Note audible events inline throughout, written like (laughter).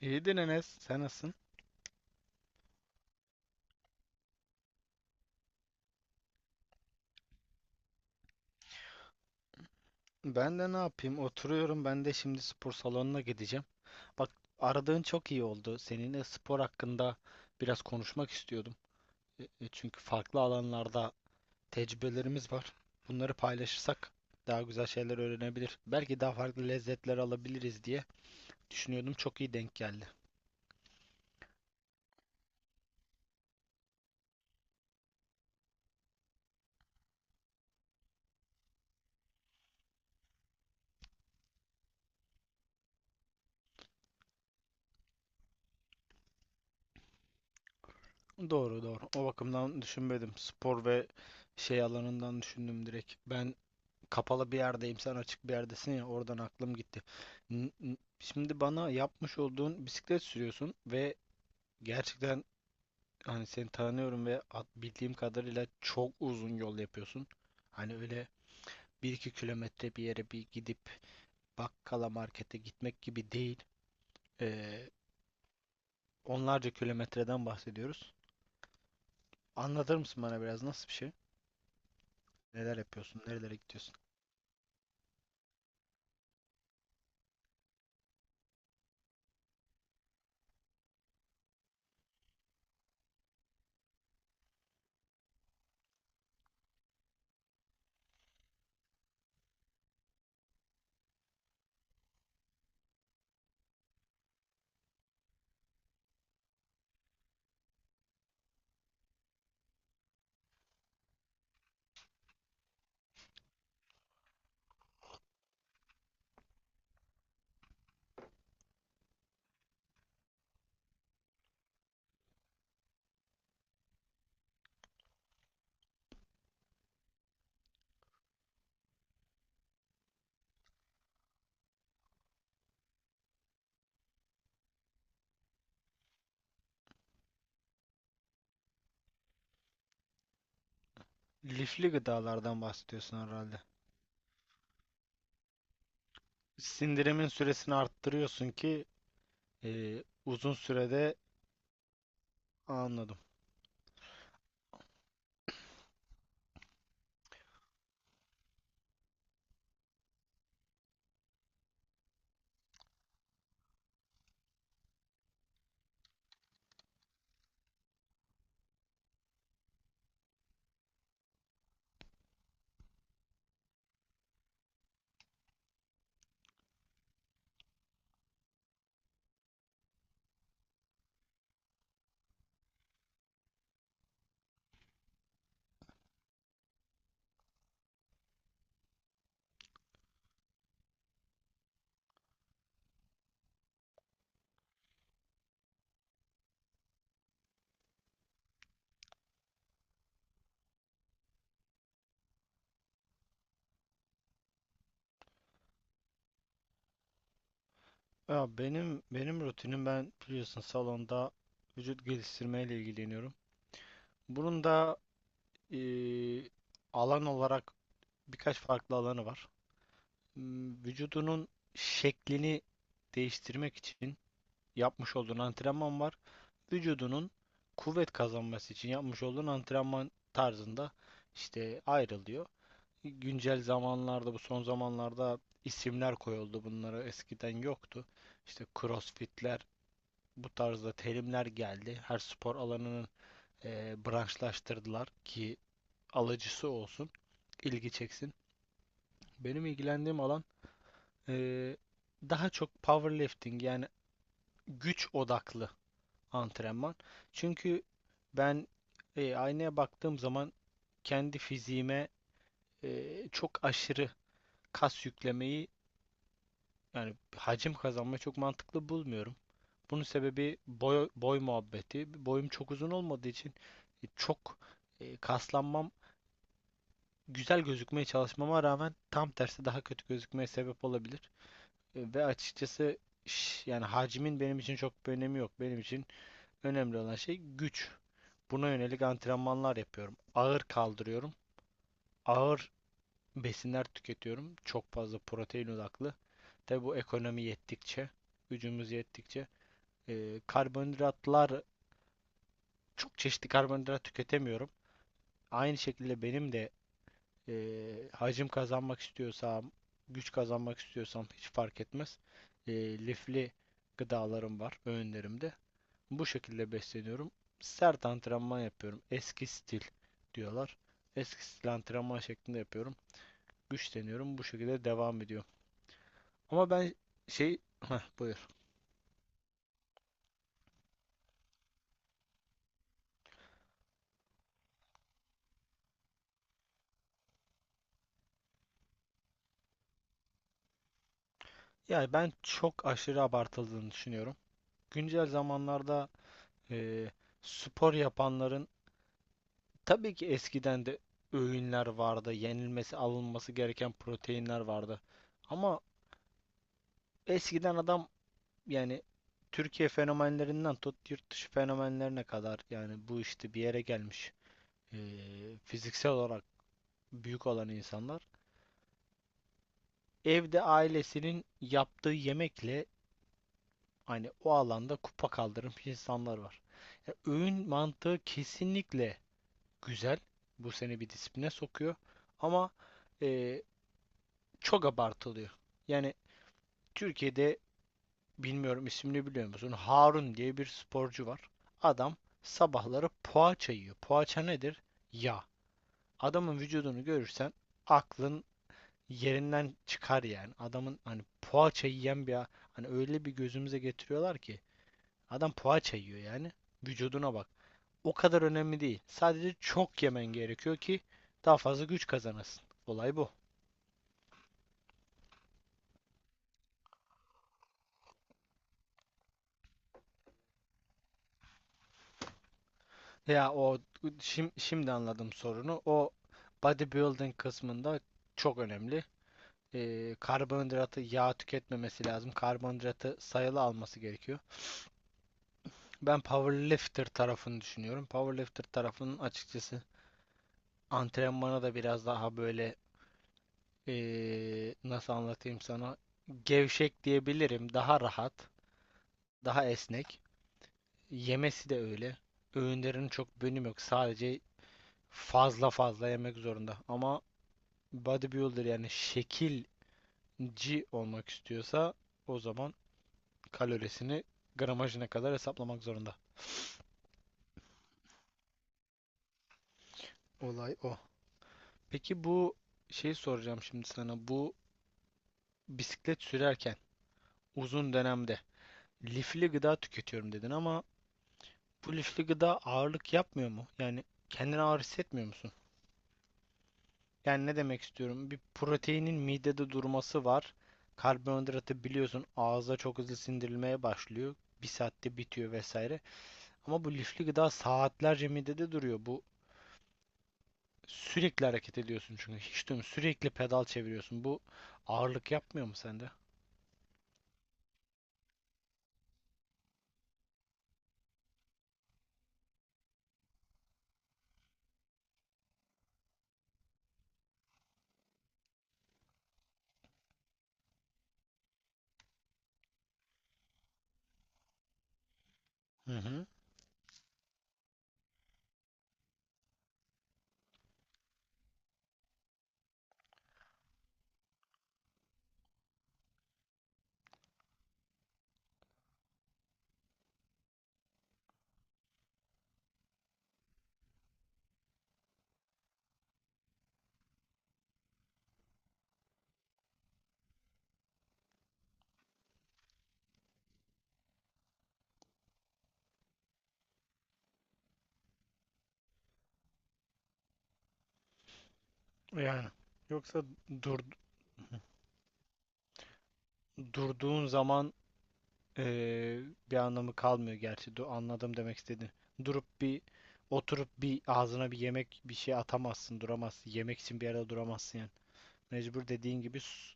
İyidir Enes, sen nasılsın? Ben de ne yapayım? Oturuyorum. Ben de şimdi spor salonuna gideceğim. Bak, aradığın çok iyi oldu. Seninle spor hakkında biraz konuşmak istiyordum. Çünkü farklı alanlarda tecrübelerimiz var. Bunları paylaşırsak daha güzel şeyler öğrenebilir, belki daha farklı lezzetler alabiliriz diye düşünüyordum. Çok iyi denk geldi. Doğru doğru, o bakımdan düşünmedim. Spor ve şey alanından düşündüm direkt. Ben kapalı bir yerdeyim, sen açık bir yerdesin, ya oradan aklım gitti. Şimdi bana yapmış olduğun bisiklet sürüyorsun ve gerçekten hani seni tanıyorum ve bildiğim kadarıyla çok uzun yol yapıyorsun. Hani öyle bir iki kilometre bir yere bir gidip bakkala markete gitmek gibi değil. Ee, onlarca kilometreden bahsediyoruz. Anlatır mısın bana biraz, nasıl bir şey? Neler yapıyorsun? Nerelere gidiyorsun? Lifli gıdalardan bahsediyorsun herhalde. Sindirimin süresini arttırıyorsun ki uzun sürede anladım. Ya benim rutinim, ben biliyorsun salonda vücut geliştirmeyle ilgileniyorum. Bunun da ee, alan olarak birkaç farklı alanı var. Vücudunun şeklini değiştirmek için yapmış olduğun antrenman var. Vücudunun kuvvet kazanması için yapmış olduğun antrenman tarzında işte ayrılıyor. Güncel zamanlarda, bu son zamanlarda isimler koyuldu bunlara, eskiden yoktu. İşte crossfitler, bu tarzda terimler geldi. Her spor alanının branşlaştırdılar ki alıcısı olsun, ilgi çeksin. Benim ilgilendiğim alan eee, daha çok powerlifting, yani güç odaklı antrenman. Çünkü ben aynaya baktığım zaman kendi fiziğime çok aşırı kas yüklemeyi, yani hacim kazanmayı çok mantıklı bulmuyorum. Bunun sebebi boy, boy muhabbeti. Boyum çok uzun olmadığı için çok kaslanmam, güzel gözükmeye çalışmama rağmen tam tersi daha kötü gözükmeye sebep olabilir. Ve açıkçası yani hacimin benim için çok bir önemi yok. Benim için önemli olan şey güç. Buna yönelik antrenmanlar yapıyorum. Ağır kaldırıyorum. Ağır besinler tüketiyorum. Çok fazla protein odaklı. Tabi bu ekonomi yettikçe, gücümüz yettikçe. Karbonhidratlar, çok çeşitli karbonhidrat tüketemiyorum. Aynı şekilde benim de hacim kazanmak istiyorsam, güç kazanmak istiyorsam hiç fark etmez. E, lifli gıdalarım var öğünlerimde. Bu şekilde besleniyorum. Sert antrenman yapıyorum. Eski stil diyorlar. Eski stil antrenman şeklinde yapıyorum. Güçleniyorum. Bu şekilde devam ediyorum. Ama ben şey, heh, buyur. Yani ben çok aşırı abartıldığını düşünüyorum. Güncel zamanlarda Ee, spor yapanların, tabii ki eskiden de öğünler vardı, yenilmesi, alınması gereken proteinler vardı. Ama eskiden adam, yani Türkiye fenomenlerinden tut yurt dışı fenomenlerine kadar, yani bu işte bir yere gelmiş fiziksel olarak büyük olan insanlar, evde ailesinin yaptığı yemekle hani o alanda kupa kaldırmış insanlar var. Ya öğün mantığı kesinlikle güzel. Bu seni bir disipline sokuyor. Ama e, çok abartılıyor. Yani Türkiye'de, bilmiyorum ismini biliyor musun, Harun diye bir sporcu var. Adam sabahları poğaça yiyor. Poğaça nedir? Yağ. Adamın vücudunu görürsen aklın yerinden çıkar yani. Adamın hani poğaça yiyen bir, hani öyle bir gözümüze getiriyorlar ki adam poğaça yiyor yani. Vücuduna bak, o kadar önemli değil. Sadece çok yemen gerekiyor ki daha fazla güç kazanasın. Olay bu. Ya o, şimdi anladım sorunu. O bodybuilding kısmında çok önemli. Karbonhidratı yağ tüketmemesi lazım. Karbonhidratı sayılı alması gerekiyor. Ben powerlifter tarafını düşünüyorum. Powerlifter tarafının açıkçası antrenmana da biraz daha böyle nasıl anlatayım sana, gevşek diyebilirim. Daha rahat, daha esnek. Yemesi de öyle. Öğünlerin çok bölüm yok. Sadece fazla fazla yemek zorunda. Ama bodybuilder, yani şekilci olmak istiyorsa o zaman kalorisini gramajına kadar hesaplamak zorunda. Olay o. Peki bu, şey soracağım şimdi sana. Bu bisiklet sürerken uzun dönemde lifli gıda tüketiyorum dedin ama bu lifli gıda ağırlık yapmıyor mu? Yani kendini ağır hissetmiyor musun? Yani ne demek istiyorum? Bir proteinin midede durması var. Karbonhidratı biliyorsun ağızda çok hızlı sindirilmeye başlıyor. Bir saatte bitiyor vesaire. Ama bu lifli gıda saatlerce midede duruyor. Bu sürekli hareket ediyorsun çünkü. Hiç durmuyor. Sürekli pedal çeviriyorsun. Bu ağırlık yapmıyor mu sende? Hı hı. Yani. Yoksa dur, durduğun zaman Ee, bir anlamı kalmıyor gerçi. Anladım demek istediğini. Durup bir, oturup bir ağzına bir yemek bir şey atamazsın, duramazsın. Yemek için bir arada duramazsın yani. Mecbur dediğin gibi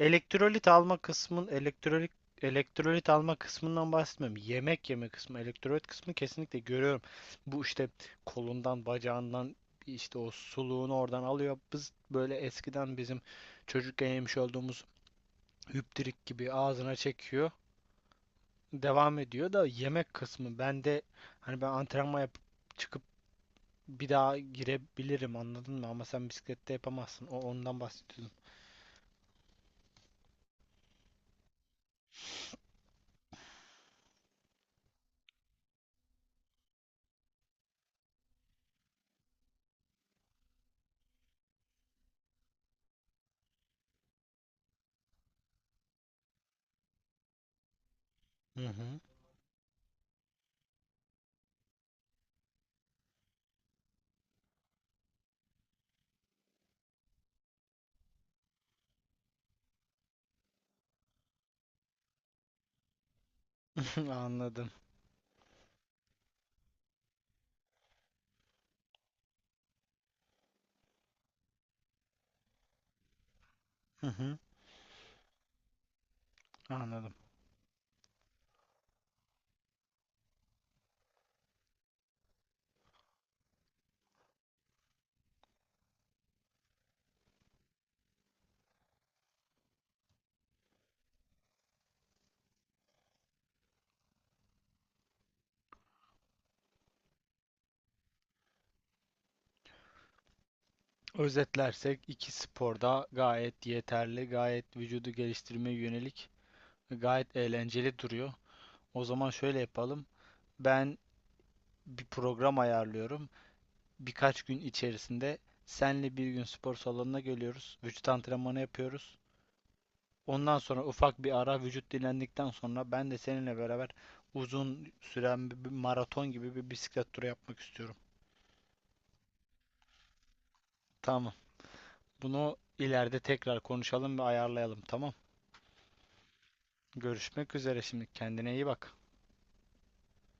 elektrolit alma kısmın, elektrolit alma kısmından bahsetmiyorum. Yemek yeme kısmı, elektrolit kısmı kesinlikle görüyorum. Bu işte kolundan, bacağından, işte o suluğunu oradan alıyor. Biz böyle eskiden, bizim çocukken yemiş olduğumuz hüptirik gibi ağzına çekiyor, devam ediyor. Da yemek kısmı bende, hani ben antrenman yapıp çıkıp bir daha girebilirim, anladın mı? Ama sen bisiklette yapamazsın. O, ondan bahsediyordum. Hı hı. (laughs) Anladım. Hı hı. Anladım. Özetlersek iki sporda gayet yeterli, gayet vücudu geliştirmeye yönelik, gayet eğlenceli duruyor. O zaman şöyle yapalım. Ben bir program ayarlıyorum. Birkaç gün içerisinde senle bir gün spor salonuna geliyoruz. Vücut antrenmanı yapıyoruz. Ondan sonra ufak bir ara, vücut dinlendikten sonra ben de seninle beraber uzun süren bir maraton gibi bir bisiklet turu yapmak istiyorum. Tamam. Bunu ileride tekrar konuşalım ve ayarlayalım. Tamam. Görüşmek üzere şimdi. Kendine iyi bak.